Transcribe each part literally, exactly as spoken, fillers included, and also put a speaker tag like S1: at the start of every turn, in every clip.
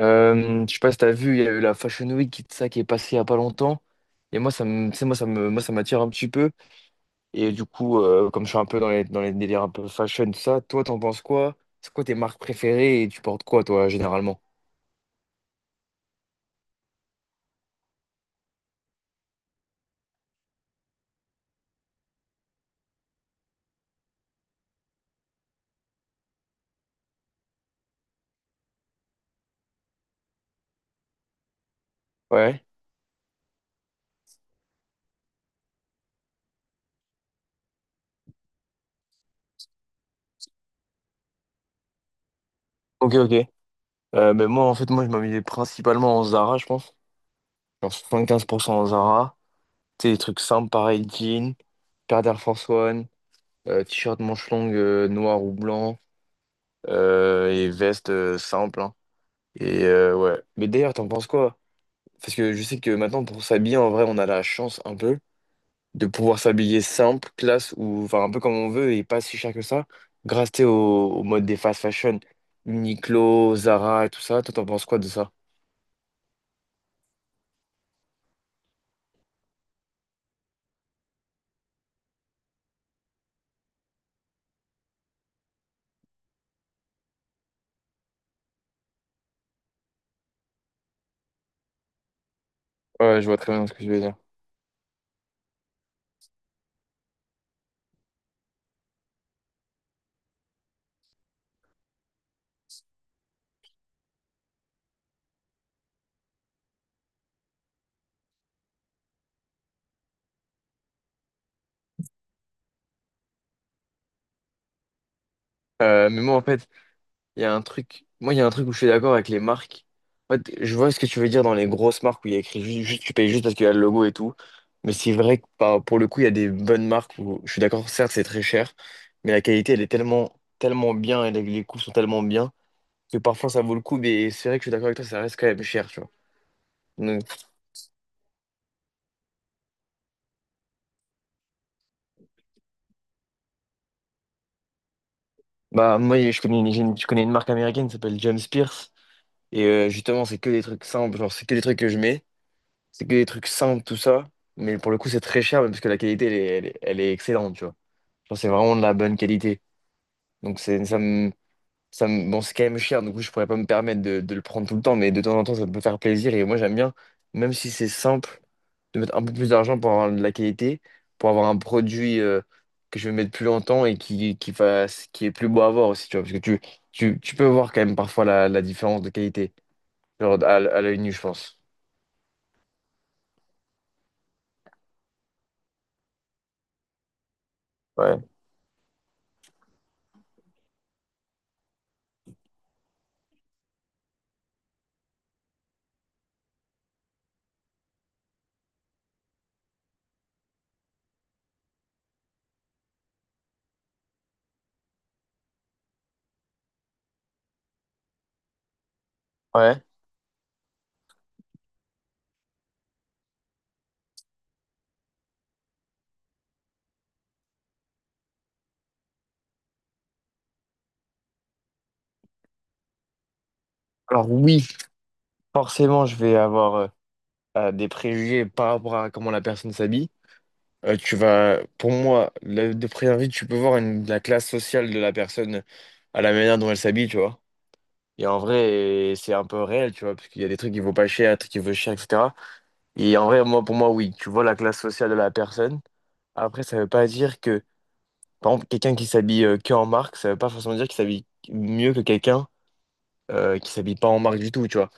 S1: Euh, je sais pas si t'as vu, il y a eu la Fashion Week qui, ça, qui est passée il y a pas longtemps. Et moi, ça me, tu sais, moi, ça me, moi, ça m'attire un petit peu. Et du coup, euh, comme je suis un peu dans les, dans les délires un peu fashion, tout ça, toi, t'en penses quoi? C'est quoi tes marques préférées et tu portes quoi, toi, généralement? Ouais. Ok, ok. Euh, ben moi, en fait, moi, je m'habillais principalement en Zara, je pense. Genre soixante-quinze pour cent en Zara. Tu sais, des trucs simples, pareil, jean, paire d'Air Force One, euh, t-shirt manche longue euh, noir ou blanc, euh, et veste euh, simple, hein. Et euh, ouais. Mais d'ailleurs, t'en penses quoi? Parce que je sais que maintenant, pour s'habiller, en vrai, on a la chance un peu de pouvoir s'habiller simple, classe, ou enfin un peu comme on veut et pas si cher que ça, grâce tu sais, au, au mode des fast fashion, Uniqlo, Zara et tout ça. Toi, t'en penses quoi de ça? Ouais, je vois très bien ce que je veux dire. Euh, mais moi, en fait, il y a un truc, moi, il y a un truc où je suis d'accord avec les marques. En fait, je vois ce que tu veux dire dans les grosses marques où il y a écrit ju- juste, tu payes juste parce qu'il y a le logo et tout. Mais c'est vrai que par- pour le coup, il y a des bonnes marques où je suis d'accord, certes, c'est très cher, mais la qualité, elle est tellement, tellement bien et les, les coûts sont tellement bien que parfois ça vaut le coup. Mais c'est vrai que je suis d'accord avec toi, ça reste quand même cher, tu vois. Donc, bah, moi, je connais une, j'ai une- je connais une marque américaine qui s'appelle James Pierce. Et euh, justement, c'est que des trucs simples, genre, c'est que des trucs que je mets. C'est que des trucs simples, tout ça. Mais pour le coup, c'est très cher, mais parce que la qualité, elle est, elle est, elle est excellente, tu vois. Genre, c'est vraiment de la bonne qualité. Donc, c'est, ça me, ça me, bon, c'est quand même cher, du coup, je pourrais pas me permettre de, de le prendre tout le temps, mais de temps en temps, ça peut faire plaisir. Et moi, j'aime bien, même si c'est simple, de mettre un peu plus d'argent pour avoir de la qualité, pour avoir un produit euh, que je vais mettre plus longtemps et qui, qui fasse, qui est plus beau à voir aussi, tu vois. Parce que tu, tu, tu peux voir quand même parfois la, la différence de qualité, genre à, l- à l'œil nu, je pense. Ouais. Ouais. Alors, oui. Forcément, je vais avoir euh, euh, des préjugés par rapport à comment la personne s'habille. Euh, tu vas, pour moi, le- de près vue, tu peux voir une- la classe sociale de la personne à la manière dont elle s'habille, tu vois. Et en vrai, c'est un peu réel, tu vois, parce qu'il y a des trucs qui vaut pas cher, des trucs qui vaut cher, et cetera. Et en vrai, moi, pour moi, oui, tu vois la classe sociale de la personne. Après, ça veut pas dire que, par exemple, quelqu'un qui s'habille euh, que en marque, ça veut pas forcément dire qu'il s'habille mieux que quelqu'un euh, qui s'habille pas en marque du tout, tu vois.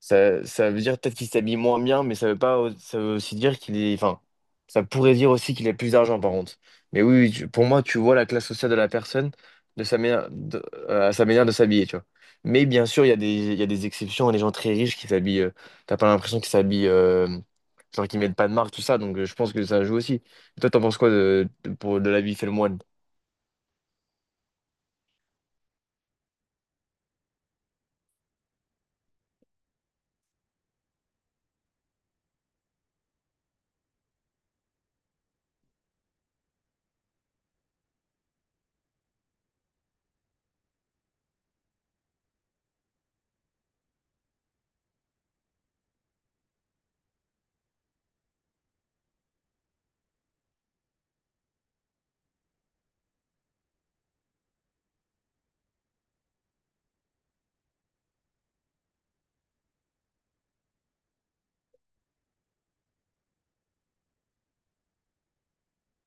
S1: Ça, ça veut dire peut-être qu'il s'habille moins bien, mais ça veut pas, au- ça veut aussi dire qu'il est, enfin, ça pourrait dire aussi qu'il a plus d'argent par contre. Mais oui, oui, tu- pour moi, tu vois la classe sociale de la personne de sa manière, de- euh, à sa manière de s'habiller, tu vois. Mais bien sûr, il y a des, il y a des exceptions, les gens très riches qui s'habillent, euh, t'as pas l'impression qu'ils s'habillent, euh, genre qu'ils mettent pas de marque, tout ça, donc euh, je pense que ça joue aussi. Toi, t'en penses quoi de, de, pour, de l'habit fait le moine?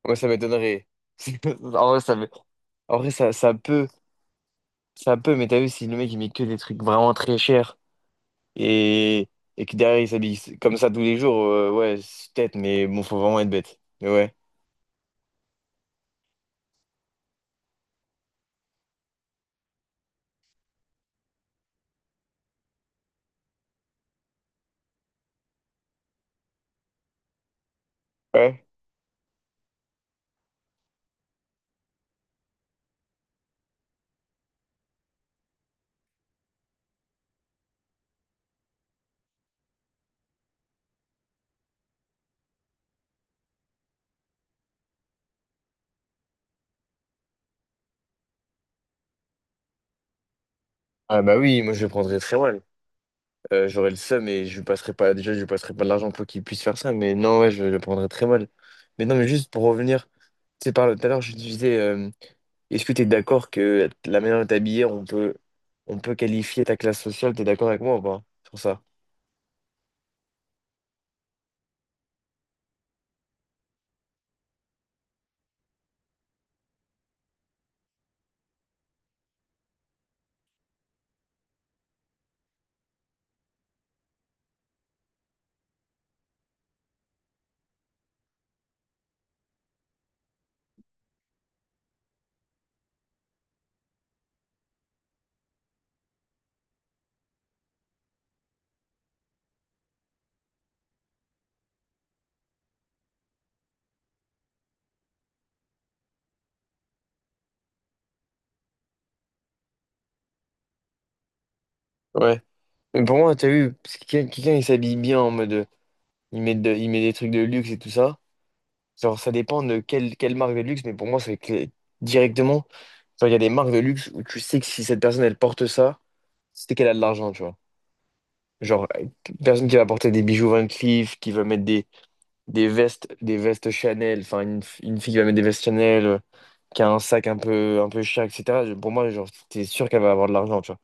S1: Moi, ça m'étonnerait. En vrai, ça, me- en vrai, ça, ça peut. Ça peut, mais t'as vu, si le mec il met que des trucs vraiment très chers et, et que derrière il s'habille comme ça tous les jours, euh, ouais, c'est peut-être, mais bon, faut vraiment être bête. Mais ouais. Ouais. Ah bah oui, moi je le prendrais très mal. Euh, j'aurais le seum et je lui passerais pas, déjà je lui passerais pas de l'argent pour qu'il puisse faire ça, mais non, ouais, je le prendrais très mal. Mais non, mais juste pour revenir, tu sais, par tout à l'heure, je te disais, euh, est-ce que t'es d'accord que la manière de t'habiller, on peut, on peut qualifier ta classe sociale, t'es d'accord avec moi ou pas sur ça? Ouais. Mais pour moi, t'as vu, parce que quelqu'un quelqu'un, il s'habille bien en mode. euh, Il met, de, il met des trucs de luxe et tout ça. Genre, ça dépend de quelle, quelle marque de luxe, mais pour moi, c'est que directement. Genre, il y a des marques de luxe où tu sais que si cette personne, elle porte ça, c'est qu'elle a de l'argent, tu vois. Genre, euh, personne qui va porter des bijoux Van Cleef, qui va mettre des, des vestes, des vestes Chanel, enfin, une, f- une fille qui va mettre des vestes Chanel, euh, qui a un sac un peu, un peu cher, et cetera je- Pour moi, genre, t'es sûr qu'elle va avoir de l'argent, tu vois.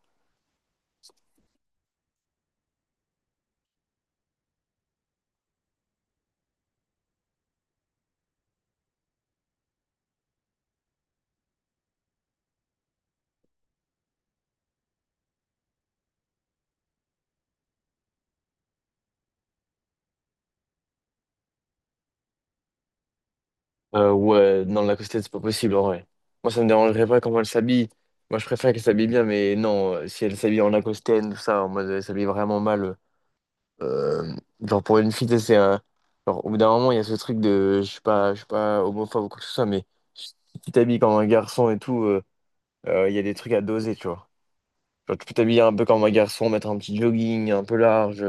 S1: Euh, ouais, non, la costette, c'est pas possible en vrai. Moi, ça me dérangerait pas comment elle s'habille. Moi, je préfère qu'elle s'habille bien, mais non, euh, si elle s'habille en Lacoste, tout ça, en mode elle s'habille vraiment mal. euh, genre, pour une fille, tu sais, c'est un. Genre, au bout d'un moment, il y a ce truc de. Je suis pas, je suis pas homophobe ou quoi que ce soit, mais si tu t'habilles comme un garçon et tout, euh, euh, il y a des trucs à doser, tu vois. Genre, tu peux t'habiller un peu comme un garçon, mettre un petit jogging un peu large,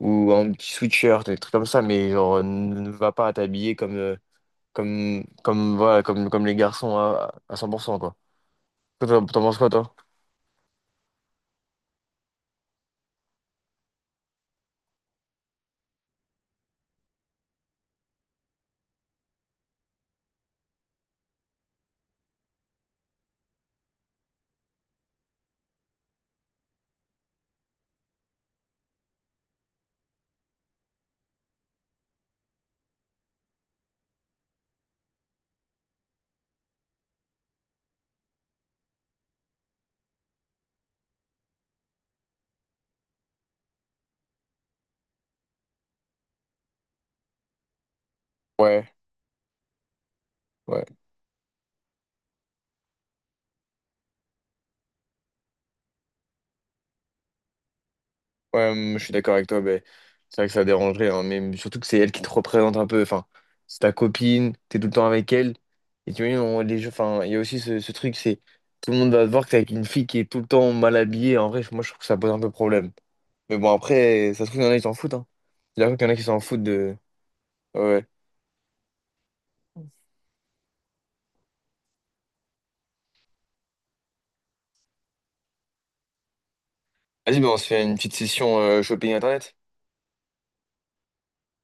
S1: ou un petit sweatshirt, des trucs comme ça, mais genre, ne va pas t'habiller comme. Euh, comme, comme, voilà, comme, comme les garçons à, à cent pour cent, quoi. Toi, T'en t'en penses quoi, toi? Ouais, ouais, ouais, hum, je suis d'accord avec toi, mais c'est vrai que ça dérangerait, hein, mais surtout que c'est elle qui te représente un peu, enfin, c'est ta copine, t'es tout le temps avec elle, et tu vois, les jeux, enfin, il y a aussi ce, ce truc, c'est tout le monde va te voir que t'es avec une fille qui est tout le temps mal habillée, en vrai, moi je trouve que ça pose un peu problème. Mais bon, après, ça se trouve, il y en a qui s'en foutent, hein. Il à dire qu'il y en a qui s'en foutent de. Ouais. Ouais. Vas-y, bah, on se fait une petite session euh, shopping internet.